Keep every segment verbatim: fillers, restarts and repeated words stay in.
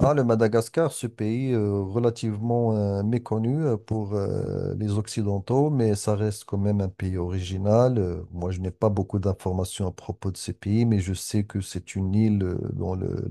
Ah, le Madagascar, ce pays euh, relativement euh, méconnu euh, pour euh, les Occidentaux, mais ça reste quand même un pays original. Euh, moi, je n'ai pas beaucoup d'informations à propos de ce pays, mais je sais que c'est une île euh, dans le,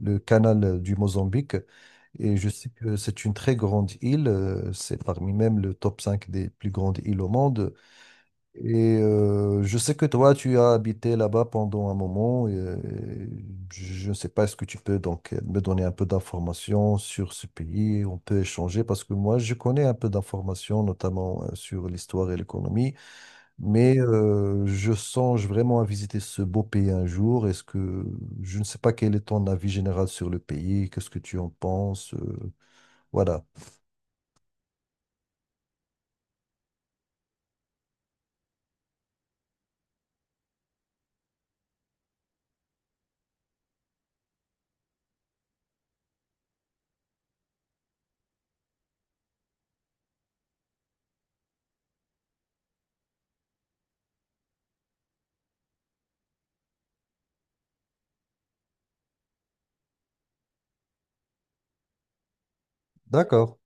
le canal euh, du Mozambique. Et je sais que c'est une très grande île, euh, c'est parmi même le top cinq des plus grandes îles au monde. Et euh, je sais que toi, tu as habité là-bas pendant un moment. Et, euh, je ne sais pas, est-ce que tu peux donc me donner un peu d'informations sur ce pays? On peut échanger parce que moi, je connais un peu d'informations, notamment euh, sur l'histoire et l'économie. Mais euh, je songe vraiment à visiter ce beau pays un jour. Est-ce que je ne sais pas quel est ton avis général sur le pays? Qu'est-ce que tu en penses? Euh, voilà. D'accord,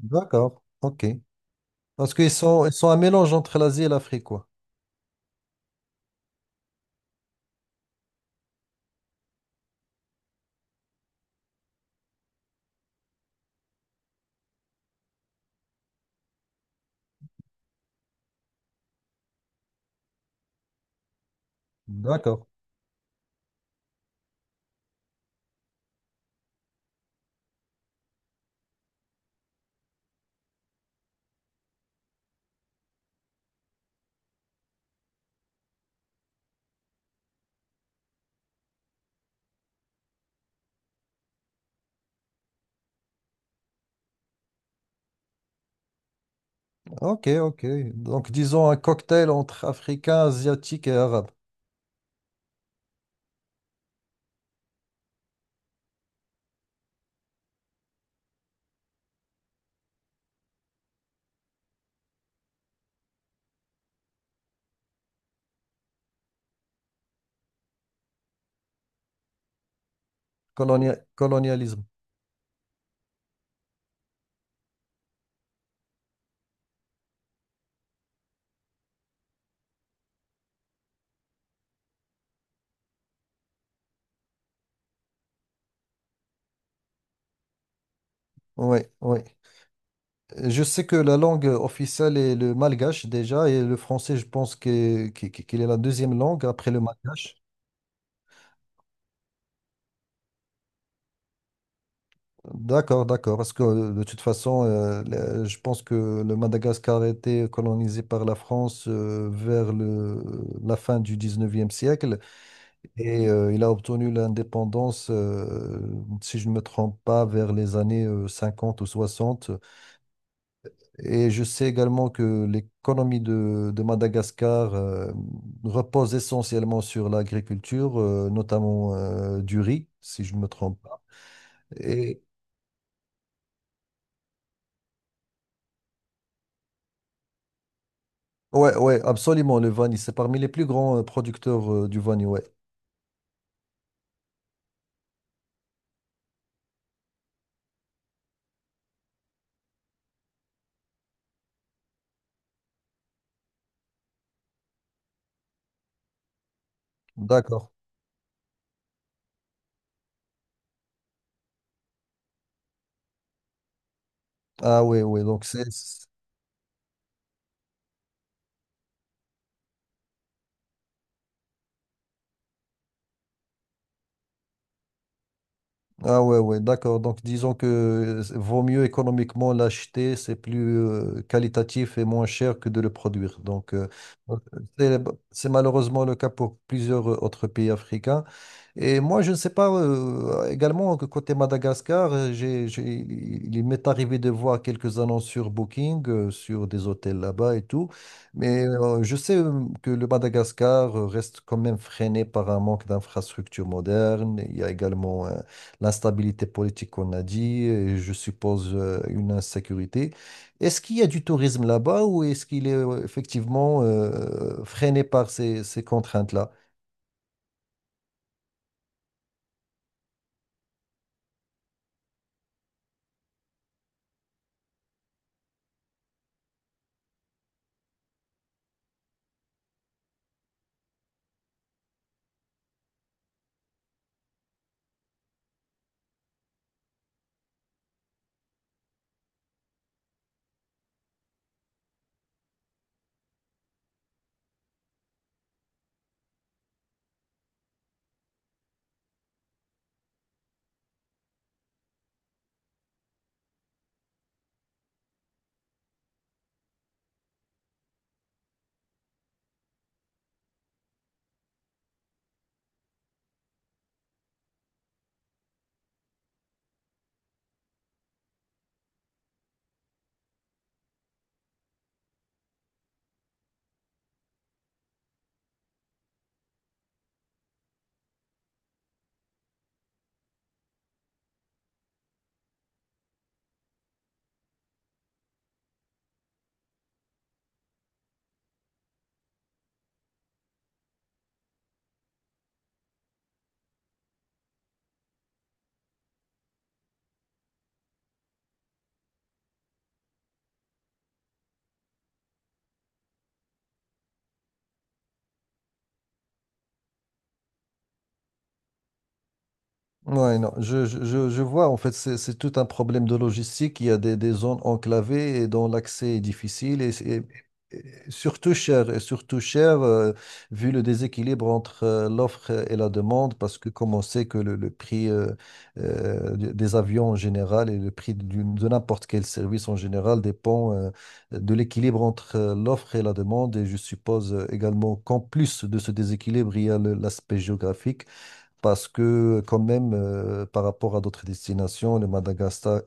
d'accord, ok. Parce qu'ils sont, ils sont un mélange entre l'Asie et l'Afrique, quoi. D'accord. Ok, ok. Donc, disons un cocktail entre africain, asiatique et arabe. Colonia- colonialisme. Oui, oui. Je sais que la langue officielle est le malgache déjà et le français, je pense que- qu'il qu'il est la deuxième langue après le malgache. D'accord, d'accord. Parce que euh, de toute façon, euh, le- je pense que le Madagascar a été colonisé par la France euh, vers le, la fin du dix-neuvième siècle. Et euh, il a obtenu l'indépendance, euh, si je ne me trompe pas, vers les années euh, cinquante ou soixante. Et je sais également que l'économie de, de Madagascar euh, repose essentiellement sur l'agriculture, euh, notamment euh, du riz, si je ne me trompe pas. Et ouais, ouais, absolument, le Vanille, c'est parmi les plus grands euh, producteurs euh, du Vanille, ouais. D'accord. Ah ouais, ouais, donc c'est Ah ouais, ouais, d'accord. Donc disons que c'est- vaut mieux économiquement l'acheter, c'est plus euh, qualitatif et moins cher que de le produire. Donc euh, donc, c'est c'est malheureusement le cas pour plusieurs euh, autres pays africains. Et moi, je ne sais pas, euh, également que côté Madagascar, euh, j'ai, j'ai- il m'est arrivé de voir quelques annonces sur Booking, euh, sur des hôtels là-bas et tout. Mais euh, je sais euh, que le Madagascar euh, reste quand même freiné par un manque d'infrastructures modernes. Il y a également l'instabilité politique qu'on a dit, et je suppose euh, une insécurité. Est-ce qu'il y a du tourisme là-bas ou est-ce qu'il est euh, effectivement euh, freiné par ces, ces contraintes-là? Ouais, non, je, je, je je vois, en fait, c'est c'est tout un problème de logistique. Il y a des, des zones enclavées et dont l'accès est difficile et, et- et surtout cher, et surtout cher euh, vu le déséquilibre entre euh, l'offre et la demande, parce que comme on sait que le, le prix euh, euh, des des avions en général et le prix d'une- de n'importe quel service en général dépend euh, de l'équilibre entre euh, l'offre et la demande. Et je suppose euh, également qu'en plus de ce déséquilibre, il y a le- l'aspect géographique parce que quand même, euh, par rapport à d'autres destinations, le Madagascar,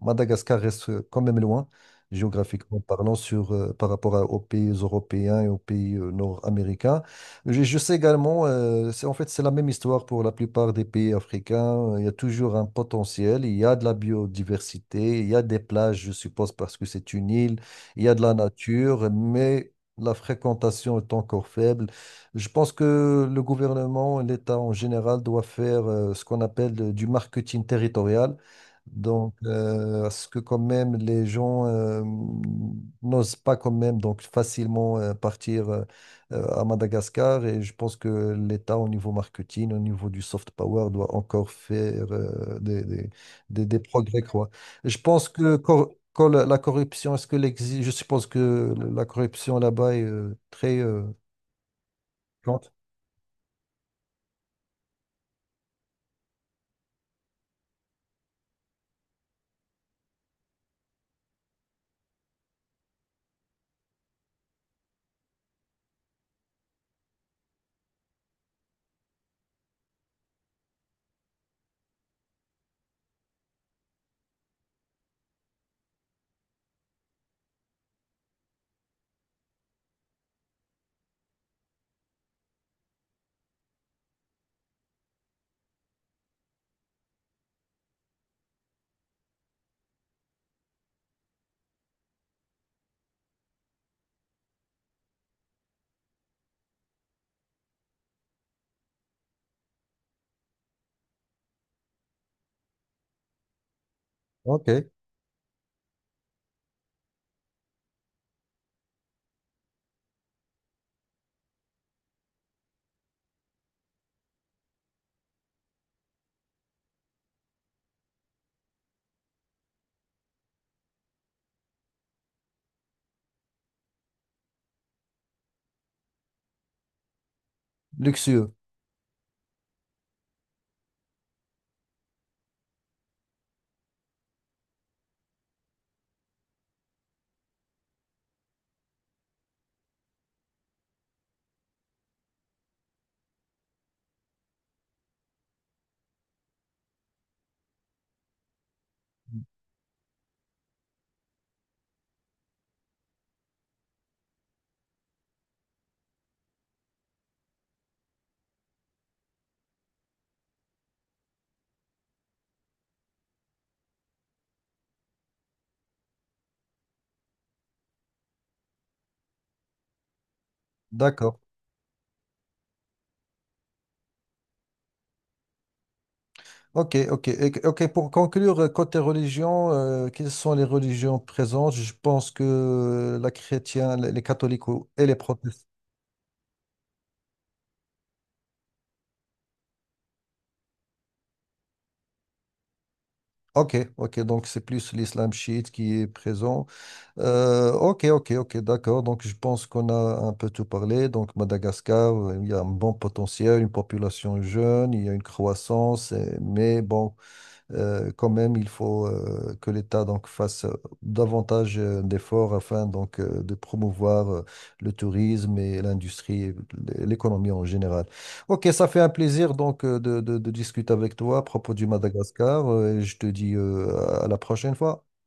Madagascar reste quand même loin, géographiquement parlant, sur, euh, par rapport à- aux pays européens et aux pays euh, nord-américains. Je, je sais également, euh, c'est, en fait, c'est la même histoire pour la plupart des pays africains. Il y a toujours un potentiel, il y a de la biodiversité, il y a des plages, je suppose, parce que c'est une île, il y a de la nature, mais... La fréquentation est encore faible. Je pense que le gouvernement, l'État en général, doit faire euh, ce qu'on appelle euh, du marketing territorial. Donc, euh, à ce que quand même les gens euh, n'osent pas quand même donc facilement euh, partir euh, euh, à Madagascar. Et je pense que l'État, au niveau marketing, au niveau du soft power, doit encore faire euh, des, des, des- des progrès, quoi. Je pense que cor- quand la la corruption, est-ce que l'exi- je suppose que la corruption là-bas est euh, très... euh, grande. Ok. Luxueux. D'accord. Ok, ok. Et- Ok, pour conclure, euh, côté religion, euh, quelles sont les religions présentes? Je pense que la chrétienne, les les catholiques ou- et les protestants. Ok, ok. Donc, c'est plus l'islam chiite qui est présent. Euh, ok, ok, ok. D'accord. Donc, je pense qu'on a un peu tout parlé. Donc, Madagascar, euh, il y a un bon potentiel, une population jeune, il y a une croissance, euh, mais bon. euh, quand même, il faut euh, que l'État donc fasse euh, davantage euh, d'efforts afin donc euh, de promouvoir euh, le tourisme et l'industrie, et l- l'économie en général. Ok, ça fait un plaisir donc euh, de, de- de discuter avec toi à propos du Madagascar euh, et je te dis euh, à la prochaine fois.